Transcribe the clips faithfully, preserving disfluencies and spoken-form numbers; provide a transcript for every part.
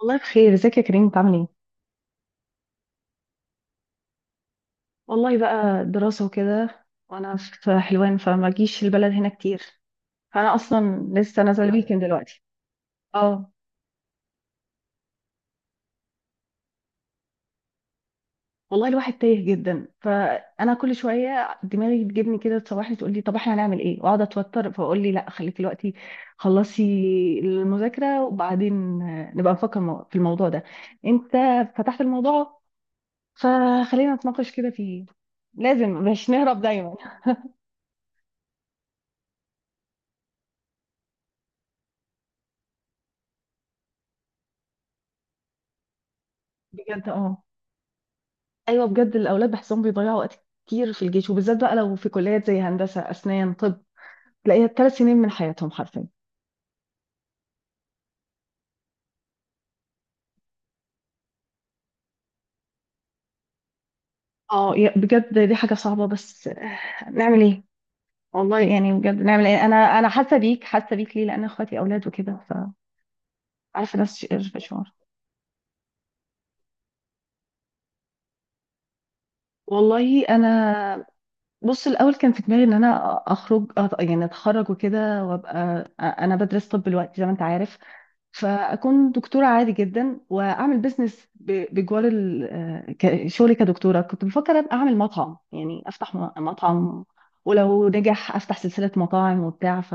والله بخير، ازيك يا كريم؟ بتعمل ايه؟ والله بقى دراسة وكده، وانا في حلوان فما جيش البلد هنا كتير. فانا اصلا لسه نازله الويكند دلوقتي. اه. والله الواحد تايه جدا، فانا كل شويه دماغي تجيبني كده، تصوحني، تقول لي طب احنا هنعمل ايه، واقعد اتوتر، فاقول لي لا خليك دلوقتي، خلصي المذاكره وبعدين آه، نبقى نفكر مو- في الموضوع ده. انت فتحت الموضوع فخلينا نتناقش كده فيه. لازم مش نهرب دايما. بجد، اه. ايوه بجد، الاولاد بحسهم بيضيعوا وقت كتير في الجيش، وبالذات بقى لو في كليات زي هندسه اسنان طب، تلاقيها ثلاث سنين من حياتهم حرفيا. اه، يا- بجد دي حاجه صعبه، بس آه، نعمل ايه؟ والله يعني بجد نعمل ايه؟ انا انا حاسه بيك، حاسه بيك، ليه؟ لان اخواتي اولاد وكده. فعارفه نفس الش- الشعور. والله انا، بص، الاول كان في دماغي ان انا اخرج أت- يعني اتخرج وكده وابقى، انا بدرس طب دلوقتي زي ما انت عارف، فاكون دكتوره عادي جدا، واعمل بيزنس ب- بجوار ال- آه، ك- شغلي كدكتوره. كنت بفكر ابقى اعمل مطعم، يعني افتح م- مطعم، ولو نجح افتح سلسله مطاعم وبتاع ف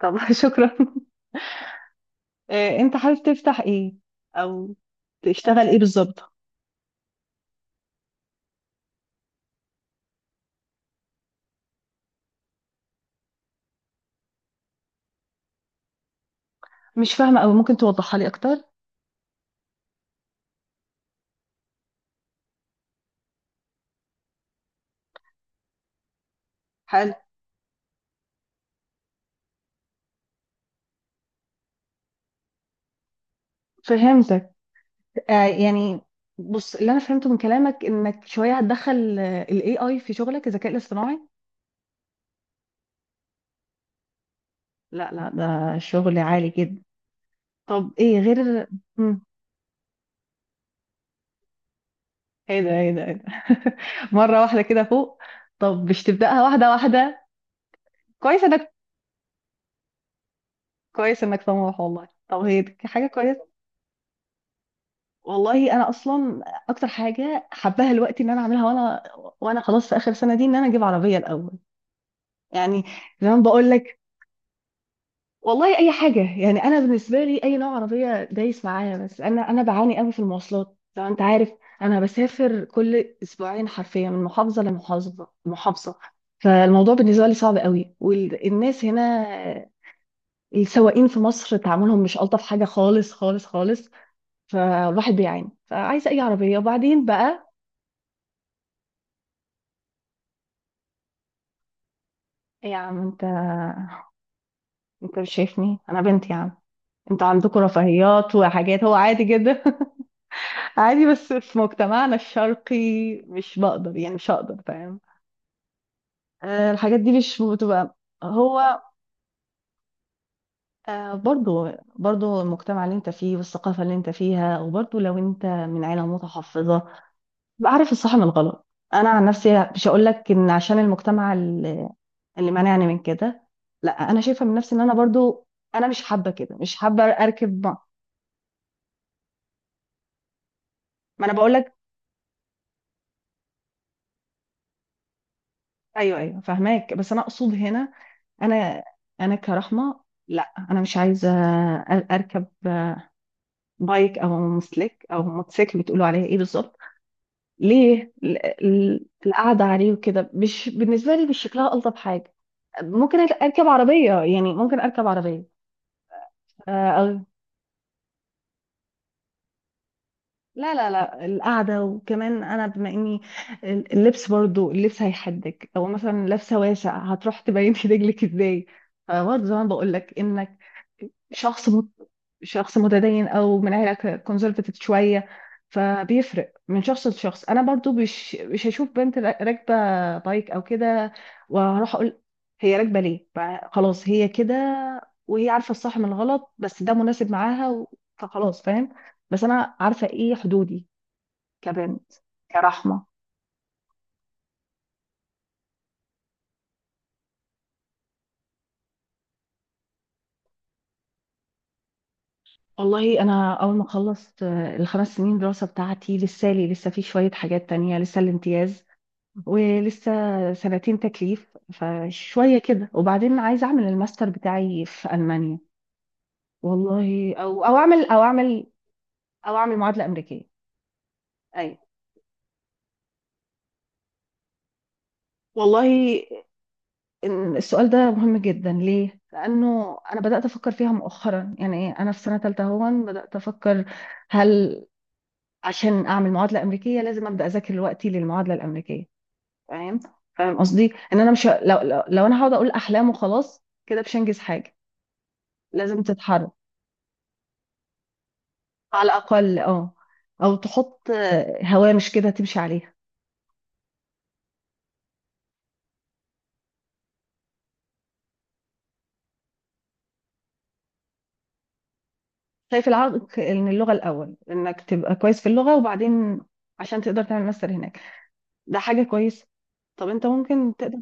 طب شكرا. آه، انت حابب تفتح ايه، او تشتغل ايه بالظبط؟ مش فاهمه، او ممكن توضحها لي اكتر؟ حلو، فهمتك. آه، يعني، بص، اللي انا فهمته من كلامك انك شويه هتدخل الاي اي في شغلك، الذكاء الاصطناعي. لا، لا، ده شغل عالي جدا. طب ايه غير؟ مم. ايه ده؟ ايه ده؟ ايه ده؟ مرة واحدة كده فوق؟ طب مش تبدأها واحدة واحدة؟ كويس انك كويس انك طموح والله. طب هي دي حاجة كويسة. والله انا اصلا، اكتر حاجة حباها الوقت ان انا اعملها وانا وانا خلاص في اخر سنة دي، ان انا اجيب عربية الاول يعني. زي ما بقول لك، والله اي حاجه، يعني انا بالنسبه لي اي نوع عربيه دايس معايا، بس انا انا بعاني قوي في المواصلات لو انت عارف. انا بسافر كل اسبوعين حرفيا، من محافظه لمحافظه محافظه فالموضوع بالنسبه لي صعب قوي، والناس هنا، السواقين في مصر تعاملهم مش الطف حاجه، خالص خالص خالص. فالواحد بيعاني، فعايزه اي عربيه وبعدين بقى. إيه يا عم انت انت مش شايفني انا بنت يا عم؟ انتوا عندكم رفاهيات وحاجات، هو عادي جدا عادي، بس في مجتمعنا الشرقي مش بقدر، يعني مش هقدر، فاهم؟ آه، الحاجات دي مش بتبقى. هو آه، برضو، برضو المجتمع اللي انت فيه، والثقافة اللي انت فيها، وبرضو لو انت من عيلة متحفظة. بعرف الصح من الغلط. انا عن نفسي مش هقول لك ان عشان المجتمع اللي اللي مانعني من كده. لا، انا شايفة من نفسي ان انا برضو، انا مش حابة كده، مش حابة اركب مع- ما انا بقول لك. ايوه، ايوه، فاهماك، بس انا اقصد هنا، انا انا كرحمه، لا، انا مش عايزه أ- اركب بايك او مسلك او موتوسيكل، بتقولوا عليها ايه بالظبط؟ ليه ال- ال- القعده عليه وكده مش بالنسبه لي، مش شكلها الطف حاجه. ممكن اركب عربيه، يعني ممكن اركب عربيه. آه، أو، لا، لا، لا، القعده، وكمان انا بما اني، اللبس برضو، اللبس هيحدك لو مثلا لابسه واسع هتروح تبين في رجلك ازاي. فبرضه زي ما بقول لك، انك شخص مت... شخص متدين او من عيله كونسرفتيف شويه. فبيفرق من شخص لشخص، انا برضو مش مش هشوف بنت را- راكبه بايك او كده واروح اقول هي راكبه ليه؟ ف- خلاص هي كده، وهي عارفه الصح من الغلط، بس ده مناسب معاها و... فخلاص فاهم. بس انا عارفه ايه حدودي كبنت. كرحمه، والله انا اول ما خلصت، آه، الخمس سنين دراسه بتاعتي، لسه لي لسه في شويه حاجات تانية، لسه الامتياز، ولسه سنتين تكليف، فشوية كده وبعدين عايزة أعمل الماستر بتاعي في ألمانيا. والله، أو أو أعمل أو أعمل أو أعمل معادلة أمريكية. أيوة. والله إن السؤال ده مهم جدا. ليه؟ لأنه أنا بدأت أفكر فيها مؤخرا، يعني إيه، أنا في سنة تالتة هون بدأت أفكر، هل عشان أعمل معادلة أمريكية لازم أبدأ أذاكر دلوقتي للمعادلة الأمريكيه؟ فاهم؟ فاهم قصدي؟ إن أنا مش لو لو, لو أنا هقعد أقول أحلام وخلاص كده مش هنجز حاجة. لازم تتحرك على الأقل، اه، أو تحط آه، هوامش كده تمشي عليها. شايف العائق إن اللغة الأول، إنك تبقى كويس في اللغة وبعدين عشان تقدر تعمل ماستر هناك، ده حاجة كويسة. طب أنت ممكن تقدر.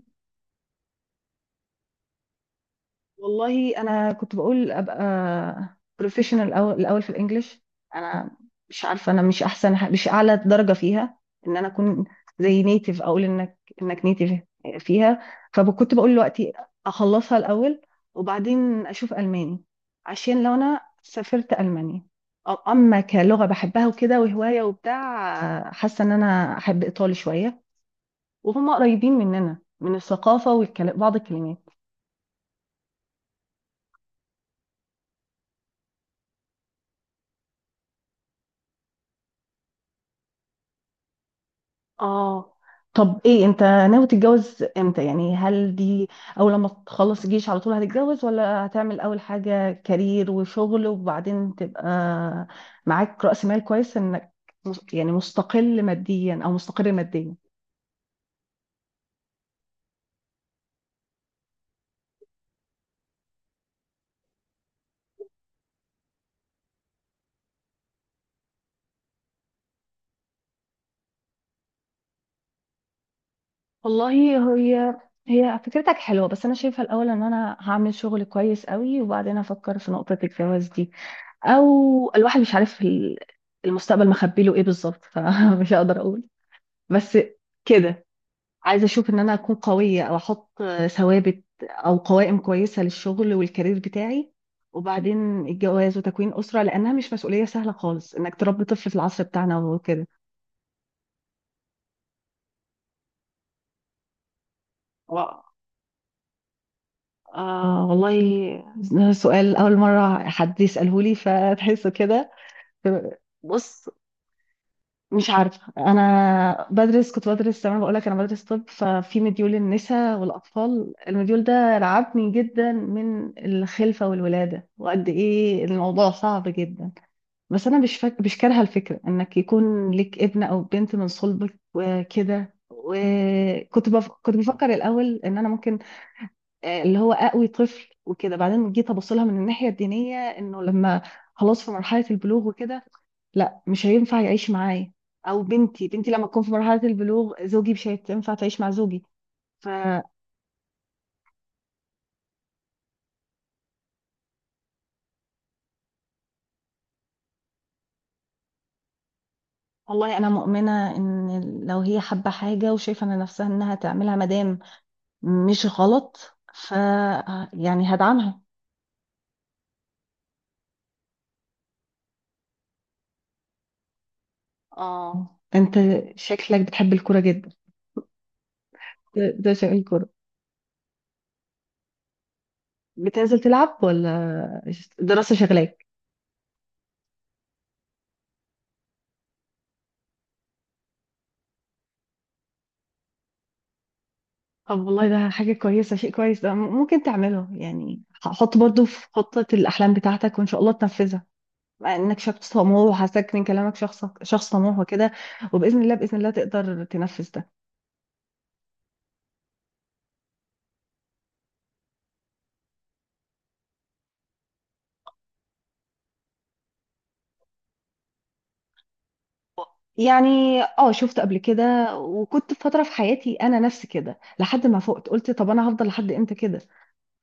والله انا كنت بقول ابقى بروفيشنال الاول الأول في الانجليش. انا مش عارفه، انا مش احسن ح- مش اعلى درجه فيها، ان انا اكون زي نيتيف، اقول انك انك نيتيف فيها. فكنت بقول دلوقتي اخلصها الاول، وبعدين اشوف الماني، عشان لو انا سافرت المانيا، أ- اما كلغه بحبها وكده وهوايه وبتاع، حاسه ان انا احب ايطالي شويه، وهم قريبين مننا من الثقافه وبعض الكلمات. اه، طب ايه انت ناوي تتجوز امتى يعني؟ هل دي، اول لما تخلص الجيش على طول هتتجوز، ولا هتعمل اول حاجة كارير وشغل وبعدين تبقى معاك رأس مال كويس، انك مس- يعني مستقل ماديا او مستقر ماديا؟ والله، هي هي فكرتك حلوة، بس أنا شايفة الأول إن أنا هعمل شغل كويس قوي وبعدين أفكر في نقطة الجواز دي. أو، الواحد مش عارف ال- المستقبل مخبيله إيه بالظبط فمش هقدر أقول. بس كده عايزه اشوف ان انا اكون قويه، او احط ثوابت او قوائم كويسه للشغل والكارير بتاعي، وبعدين الجواز وتكوين اسره، لانها مش مسؤوليه سهله خالص انك تربي طفل في العصر بتاعنا وكده. و- آه والله ده سؤال اول مره حد يساله لي، فتحسه كده. بص، مش عارفة، أنا بدرس كنت بدرس زي ما بقولك، أنا بدرس طب، ففي مديول النساء والأطفال، المديول ده رعبني جدا من الخلفة والولادة وقد إيه الموضوع صعب جدا. بس أنا مش فاك... مش كارهة الفكرة إنك يكون لك ابن أو بنت من صلبك وكده، وكنت بف... كنت بفكر الأول إن أنا ممكن آه، اللي هو اقوي طفل وكده، بعدين جيت ابص لها من الناحيه الدينيه، انه لما خلاص في مرحله البلوغ وكده، لا مش هينفع يعيش معايا، او بنتي، بنتي لما تكون في مرحله البلوغ زوجي مش هينفع تعيش مع زوجي ف والله انا مؤمنه ان لو هي حابه حاجه وشايفه ان نفسها انها تعملها، مادام مش غلط، ف يعني هدعمها. اه، انت شكلك بتحب الكوره جدا. ده ده شغل الكوره، بتنزل تلعب، ولا دراسه شغلاك؟ طب والله، ده حاجة كويسة، شيء كويس، ده م- ممكن تعمله يعني. حط برضو في خطة الأحلام بتاعتك وإن شاء الله تنفذها، مع إنك شخص طموح، وحاسك من كلامك شخص شخص طموح وكده. وبإذن الله، بإذن الله تقدر تنفذ ده. يعني اه، شفت قبل كده، وكنت في فترة في حياتي أنا نفسي كده، لحد ما فقت قلت طب أنا هفضل لحد إمتى كده؟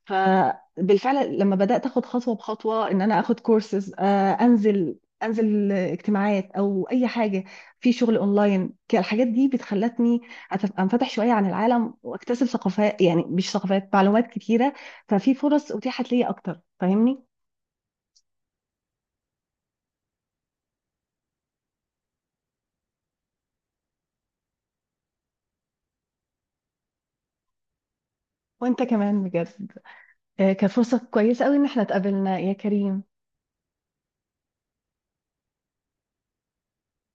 فبالفعل لما بدأت اخد خطوة بخطوة، ان انا اخد كورسز، انزل انزل اجتماعات او اي حاجة، في شغل اونلاين، ك- الحاجات دي بتخلتني أتف- انفتح شوية عن العالم، واكتسب ثقافات، يعني مش ثقافات، معلومات كتيرة. ففي فرص اتيحت لي اكتر، فاهمني؟ وانت كمان بجد، آه، كانت فرصة كويسة قوي ان احنا اتقابلنا يا كريم.